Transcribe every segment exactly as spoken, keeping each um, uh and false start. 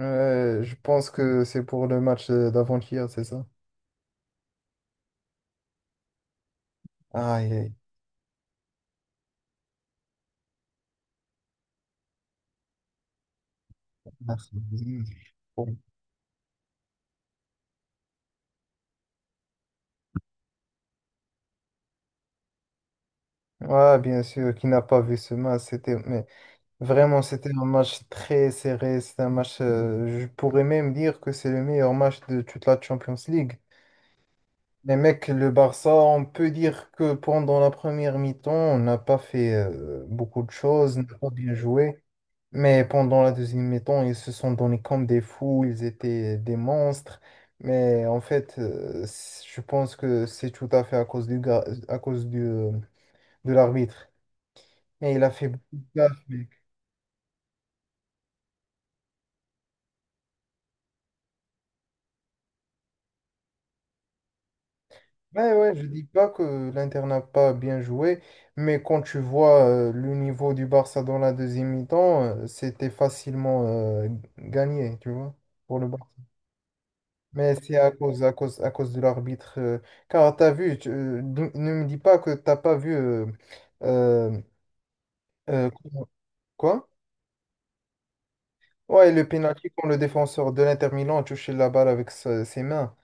Euh, je pense que c'est pour le match euh, d'avant-hier, c'est ça? Aïe, aïe. Merci. Bon. Ouais, bien sûr, qui n'a pas vu ce match, c'était, mais vraiment, c'était un match très serré. C'est un match, euh, je pourrais même dire que c'est le meilleur match de toute la Champions League. Les mecs, le Barça, on peut dire que pendant la première mi-temps, on n'a pas fait euh, beaucoup de choses, on n'a pas bien joué. Mais pendant la deuxième mi-temps, ils se sont donnés comme des fous, ils étaient des monstres. Mais en fait, euh, c- je pense que c'est tout à fait à cause du gars, à cause du, euh, de l'arbitre. Mais il a fait beaucoup de gaffe, mec. Ouais, ouais, je dis pas que l'Inter n'a pas bien joué, mais quand tu vois euh, le niveau du Barça dans la deuxième mi-temps, euh, c'était facilement euh, gagné, tu vois, pour le Barça. Mais c'est à cause, à cause, à cause de l'arbitre. Euh, car tu as vu, tu- euh, ne ne me dis pas que t'as pas vu. euh, euh, euh, quoi? Ouais, le pénalty quand le défenseur de l'Inter Milan a touché la balle avec sa- ses mains.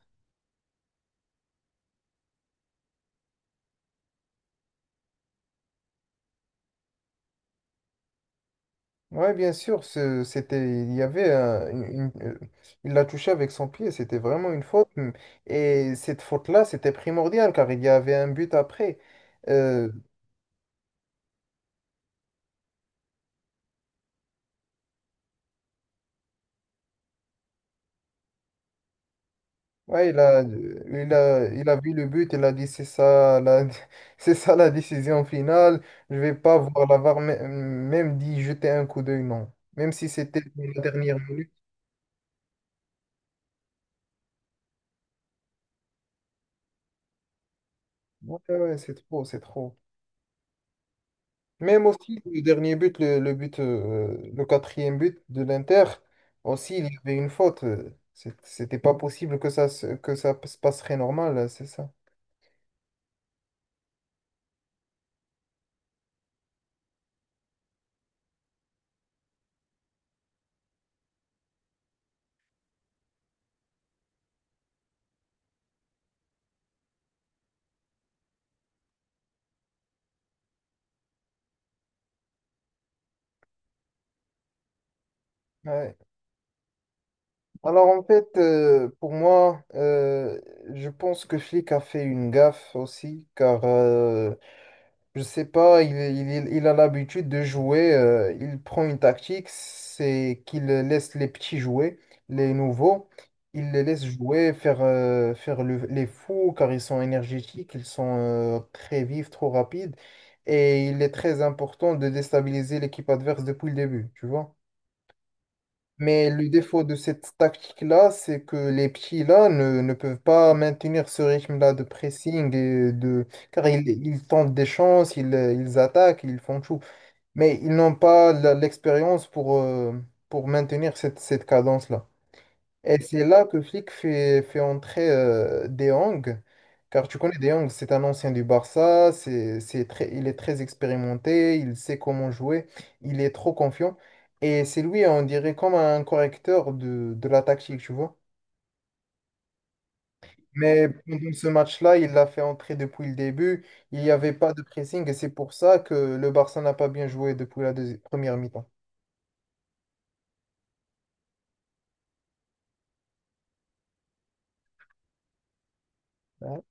Ouais, bien sûr, ce- c'était, il y avait euh, une- une- euh, il l'a touché avec son pied, c'était vraiment une faute. Mm. Et cette faute-là, c'était primordial car il y avait un but après. Euh, Ouais, il a, il a, il a vu le but, il a dit c'est ça la, c'est ça la décision finale, je vais pas voir la V A R, mê- même dit jeter un coup d'œil, non. Même si c'était la dernière minute. Ouais, ouais, ouais, c'est trop, c'est trop. Même aussi, le dernier but, le, le but, euh, le quatrième but de l'Inter, aussi, il y avait une faute. euh, c'est- C'était pas possible que ça, se- que ça se passerait normal, c'est ça. Ouais. Alors en fait, euh, pour moi, euh, je pense que Flick a fait une gaffe aussi, car euh, je sais pas, il, il- il- il a l'habitude de jouer, euh, il prend une tactique, c'est qu'il laisse les petits jouer, les nouveaux, il les laisse jouer, faire, euh, faire le- les fous, car ils sont énergétiques, ils sont euh, très vifs, trop rapides, et il est très important de déstabiliser l'équipe adverse depuis le début, tu vois. Mais le défaut de cette tactique-là, c'est que les petits-là ne, ne peuvent pas maintenir ce rythme-là de pressing et de... car ils, ils tentent des chances, ils, ils attaquent, ils font tout. Mais ils n'ont pas la- l'expérience pour, euh, pour maintenir cette, cette cadence-là. Et c'est là que Flick fait, fait entrer euh, De Jong, car tu connais De Jong, c'est un ancien du Barça, c'est, c'est très, il est très expérimenté, il sait comment jouer, il est trop confiant. Et c'est lui, on dirait, comme un correcteur de, de la tactique, tu vois. Mais pendant ce match-là, il l'a fait entrer depuis le début, il n'y avait pas de pressing, et c'est pour ça que le Barça n'a pas bien joué depuis la deuxi- première mi-temps. Ouais.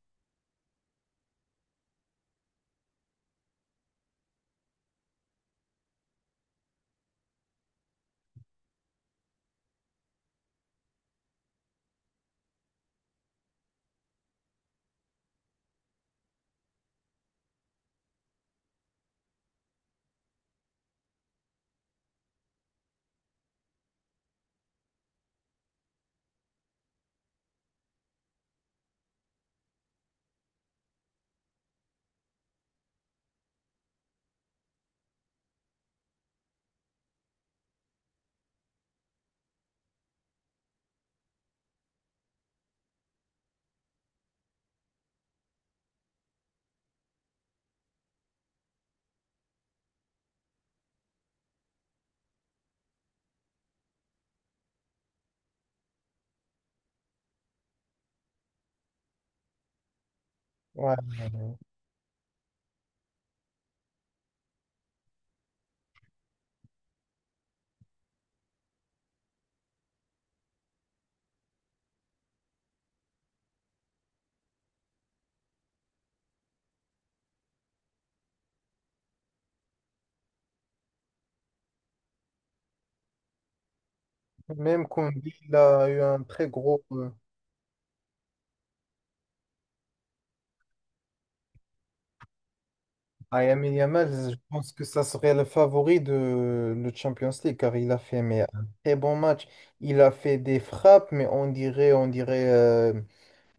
Ouais. Même Koundé, il a eu un très gros... euh, Ah, Lamine Yamal, je pense que ça serait le favori de le Champions League car il a fait mais, un très bon match. Il a fait des frappes, mais on dirait, on dirait euh,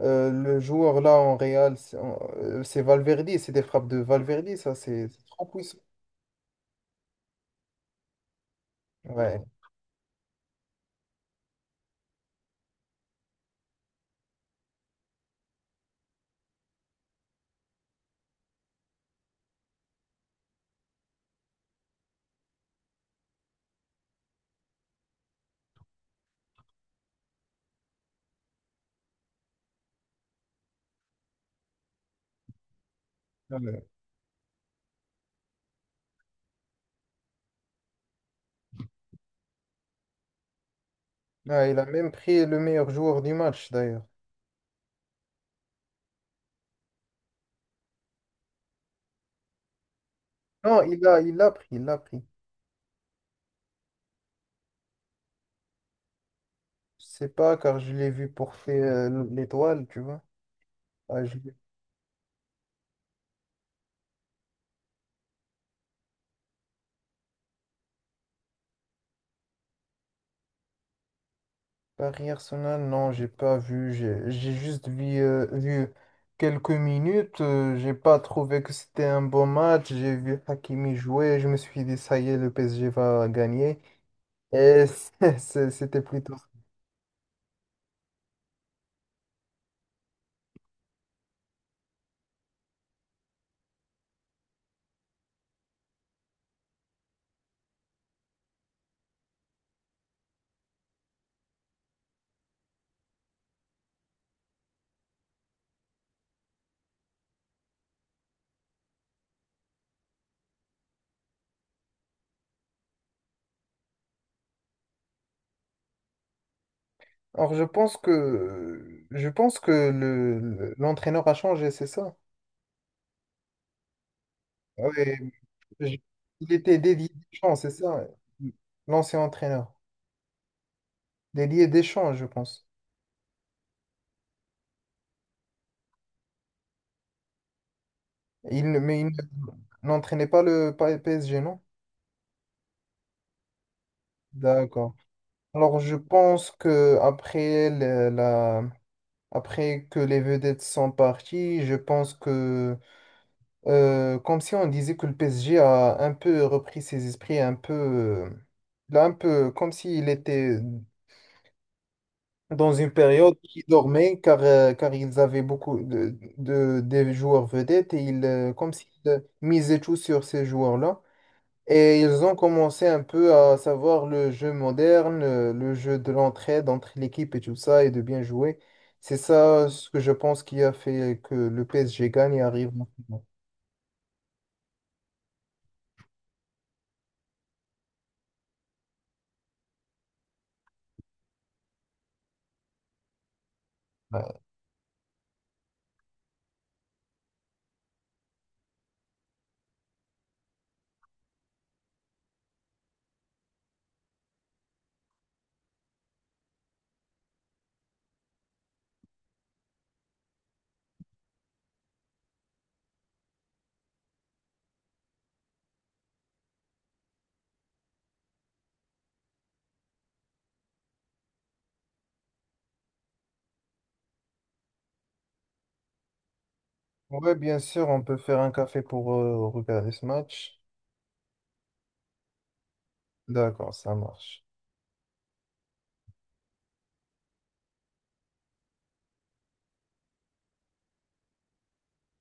euh, le joueur là en Real, c'est euh, c'est Valverde, c'est des frappes de Valverde, ça c'est c'est trop puissant. Ouais. Ouais. Ouais, il a même pris le meilleur joueur du match d'ailleurs. Non, il a, il l'a pris, il l'a pris. Je sais pas car je l'ai vu porter euh, l'étoile, tu vois. Ah, je- Paris Arsenal, non, j'ai pas vu. J'ai j'ai juste vu, euh, vu quelques minutes. Euh, j'ai pas trouvé que c'était un bon match. J'ai vu Hakimi jouer. Je me suis dit, ça y est, le P S G va gagner. Et c'est- c'est- c'était plutôt. Alors, je pense que je pense que le le- l'entraîneur a changé, c'est ça? Oui, il était dédié Deschamps, c'est ça? L'ancien entraîneur. Dédié Deschamps, je pense. Il, ne- mais il ne- N'entraînait pas le P S G, non? D'accord. Alors, je pense que après le- la, après que les vedettes sont parties, je pense que euh, comme si on disait que le P S G a un peu repris ses esprits, un peu, euh, là, un peu comme s'il était dans une période qui dormait, car euh, car ils avaient beaucoup de, de- des joueurs vedettes et ils euh, comme s'ils misaient tout sur ces joueurs-là. Et ils ont commencé un peu à savoir le jeu moderne, euh, le jeu de l'entraide entre l'équipe et tout ça, et de bien jouer. C'est ça ce que je pense qui a fait que le P S G gagne et arrive maintenant. Ouais, bien sûr, on peut faire un café pour euh, regarder ce match. D'accord, ça marche.